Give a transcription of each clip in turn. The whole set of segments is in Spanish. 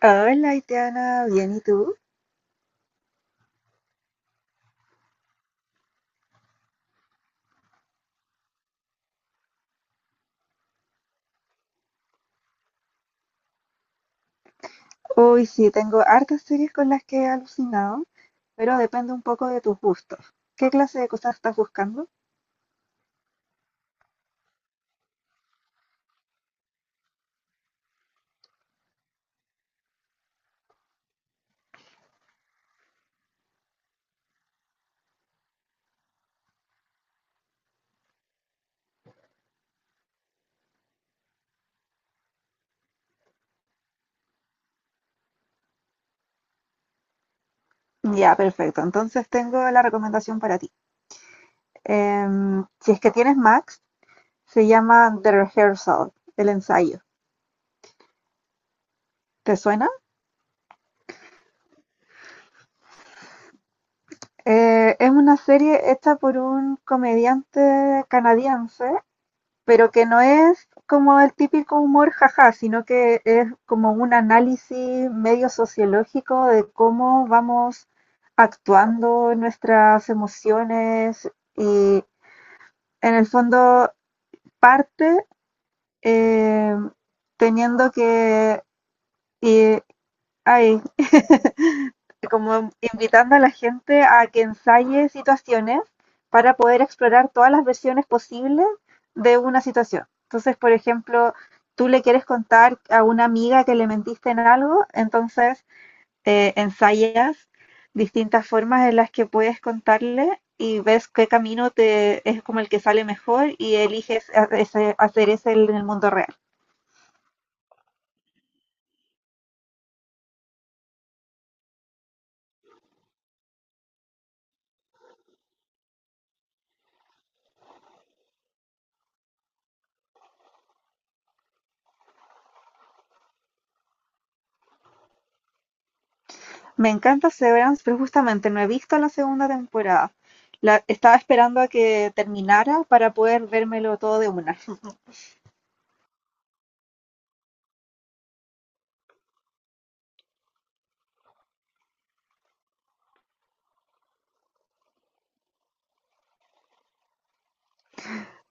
Hola, Itiana, bien, ¿y tú? Uy, sí, tengo hartas series con las que he alucinado, pero depende un poco de tus gustos. ¿Qué clase de cosas estás buscando? Ya, perfecto. Entonces tengo la recomendación para ti. Si es que tienes Max, se llama The Rehearsal, el ensayo. ¿Te suena? Es una serie hecha por un comediante canadiense pero que no es como el típico humor jaja, sino que es como un análisis medio sociológico de cómo vamos actuando en nuestras emociones y en el fondo parte eh, teniendo que eh, ay, como invitando a la gente a que ensaye situaciones para poder explorar todas las versiones posibles de una situación. Entonces, por ejemplo, tú le quieres contar a una amiga que le mentiste en algo, entonces ensayas distintas formas en las que puedes contarle y ves qué camino te es como el que sale mejor y eliges hacer ese en el mundo real. Me encanta Severance, pero justamente no he visto la segunda temporada. La, estaba esperando a que terminara para poder vérmelo todo de una.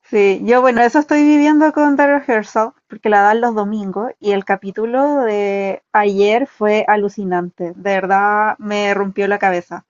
Sí, yo bueno, eso estoy viviendo con Daryl Herzog, porque la dan los domingos y el capítulo de ayer fue alucinante. De verdad me rompió la cabeza.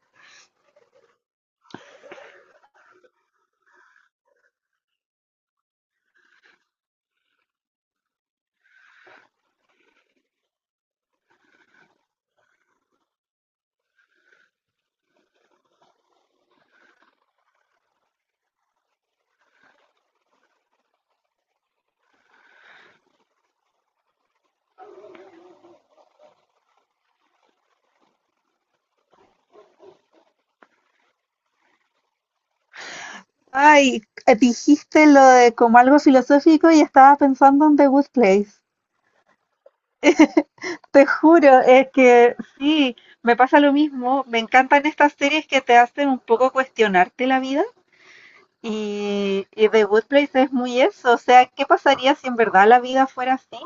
Ay, dijiste lo de como algo filosófico y estaba pensando en The Good Place. Te juro, es que sí, me pasa lo mismo. Me encantan estas series que te hacen un poco cuestionarte la vida. Y The Good Place es muy eso. O sea, ¿qué pasaría si en verdad la vida fuera así?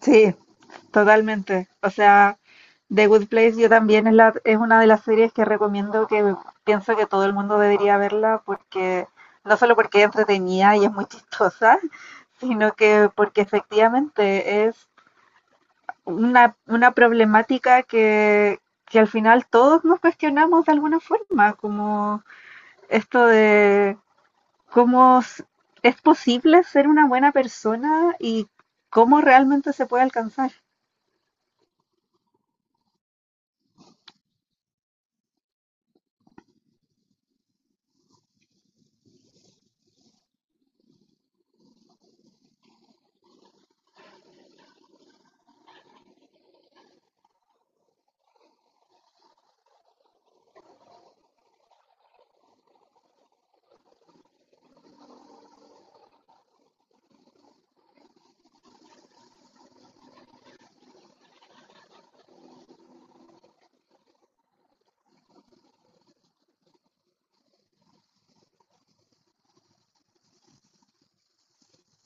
Sí, totalmente. O sea, The Good Place yo también es, la, es una de las series que recomiendo que pienso que todo el mundo debería verla porque no solo porque es entretenida y es muy chistosa, sino que porque efectivamente es una problemática que al final todos nos cuestionamos de alguna forma, como esto de cómo s- es posible ser una buena persona y cómo realmente se puede alcanzar.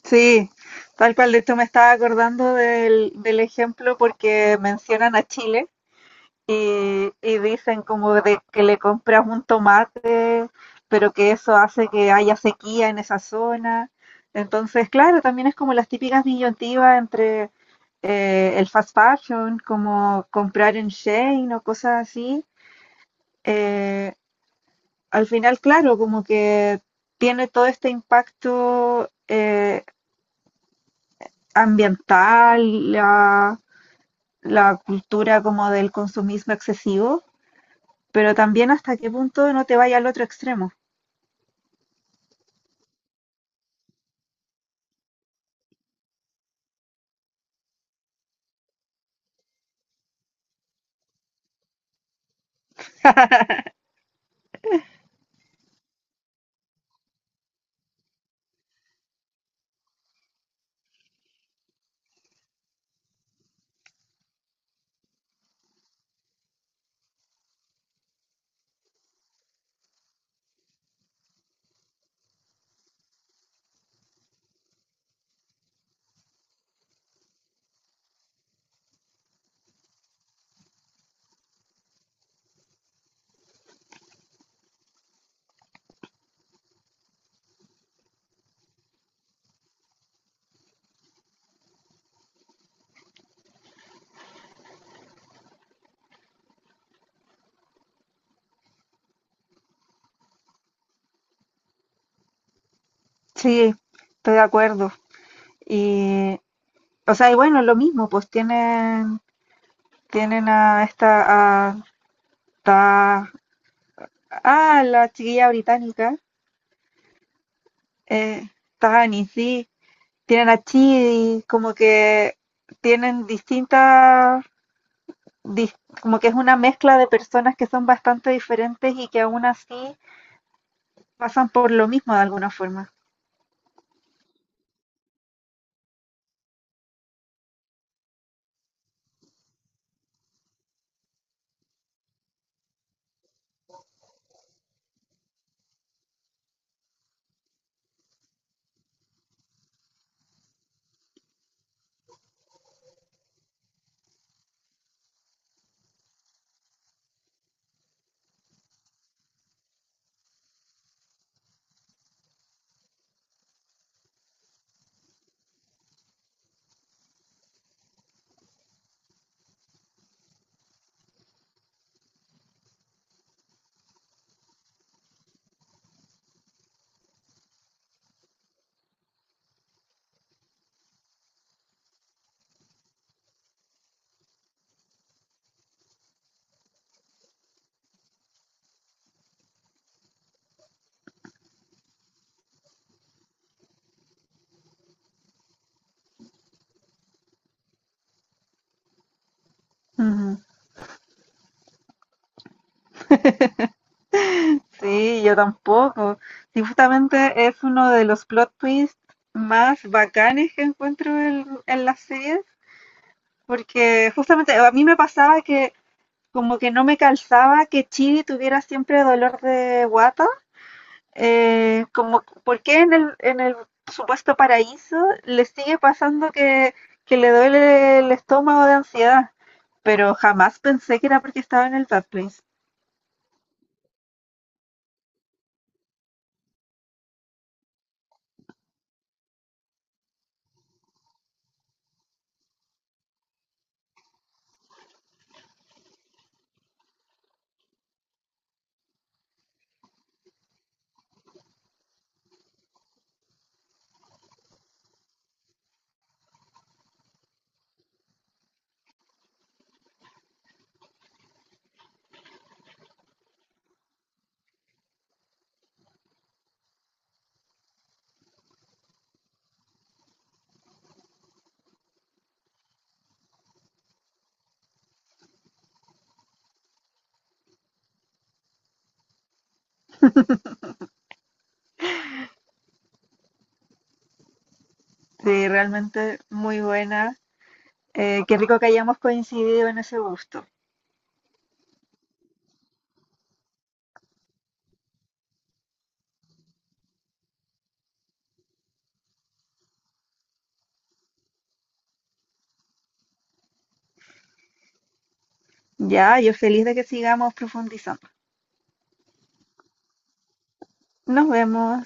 Sí, tal cual. De hecho, me estaba acordando del, del ejemplo porque mencionan a Chile y dicen como de que le compras un tomate, pero que eso hace que haya sequía en esa zona. Entonces, claro, también es como las típicas disyuntivas entre el fast fashion, como comprar en Shane o cosas así. Eh, Al final, claro, como que tiene todo este impacto ambiental, la cultura como del consumismo excesivo, pero también hasta qué punto no te vaya al otro extremo. Sí, estoy de acuerdo. Y, o sea, y bueno, lo mismo, pues tienen, tienen a esta, a, ta- ah, la chiquilla británica, eh, Tani, sí, tienen a Chidi, como que tienen distintas, dis- como que es una mezcla de personas que son bastante diferentes y que aún así pasan por lo mismo de alguna forma. Sí, yo tampoco. Sí, justamente es uno de los plot twists más bacanes que encuentro en las series, porque justamente a mí me pasaba que como que no me calzaba que Chidi tuviera siempre dolor de guata, como por qué en el supuesto paraíso le sigue pasando que le duele el estómago de ansiedad, pero jamás pensé que era porque estaba en el Bad Place. Sí, realmente muy buena. Qué rico que hayamos coincidido en ese gusto. Ya, yo feliz de que sigamos profundizando. Nos vemos.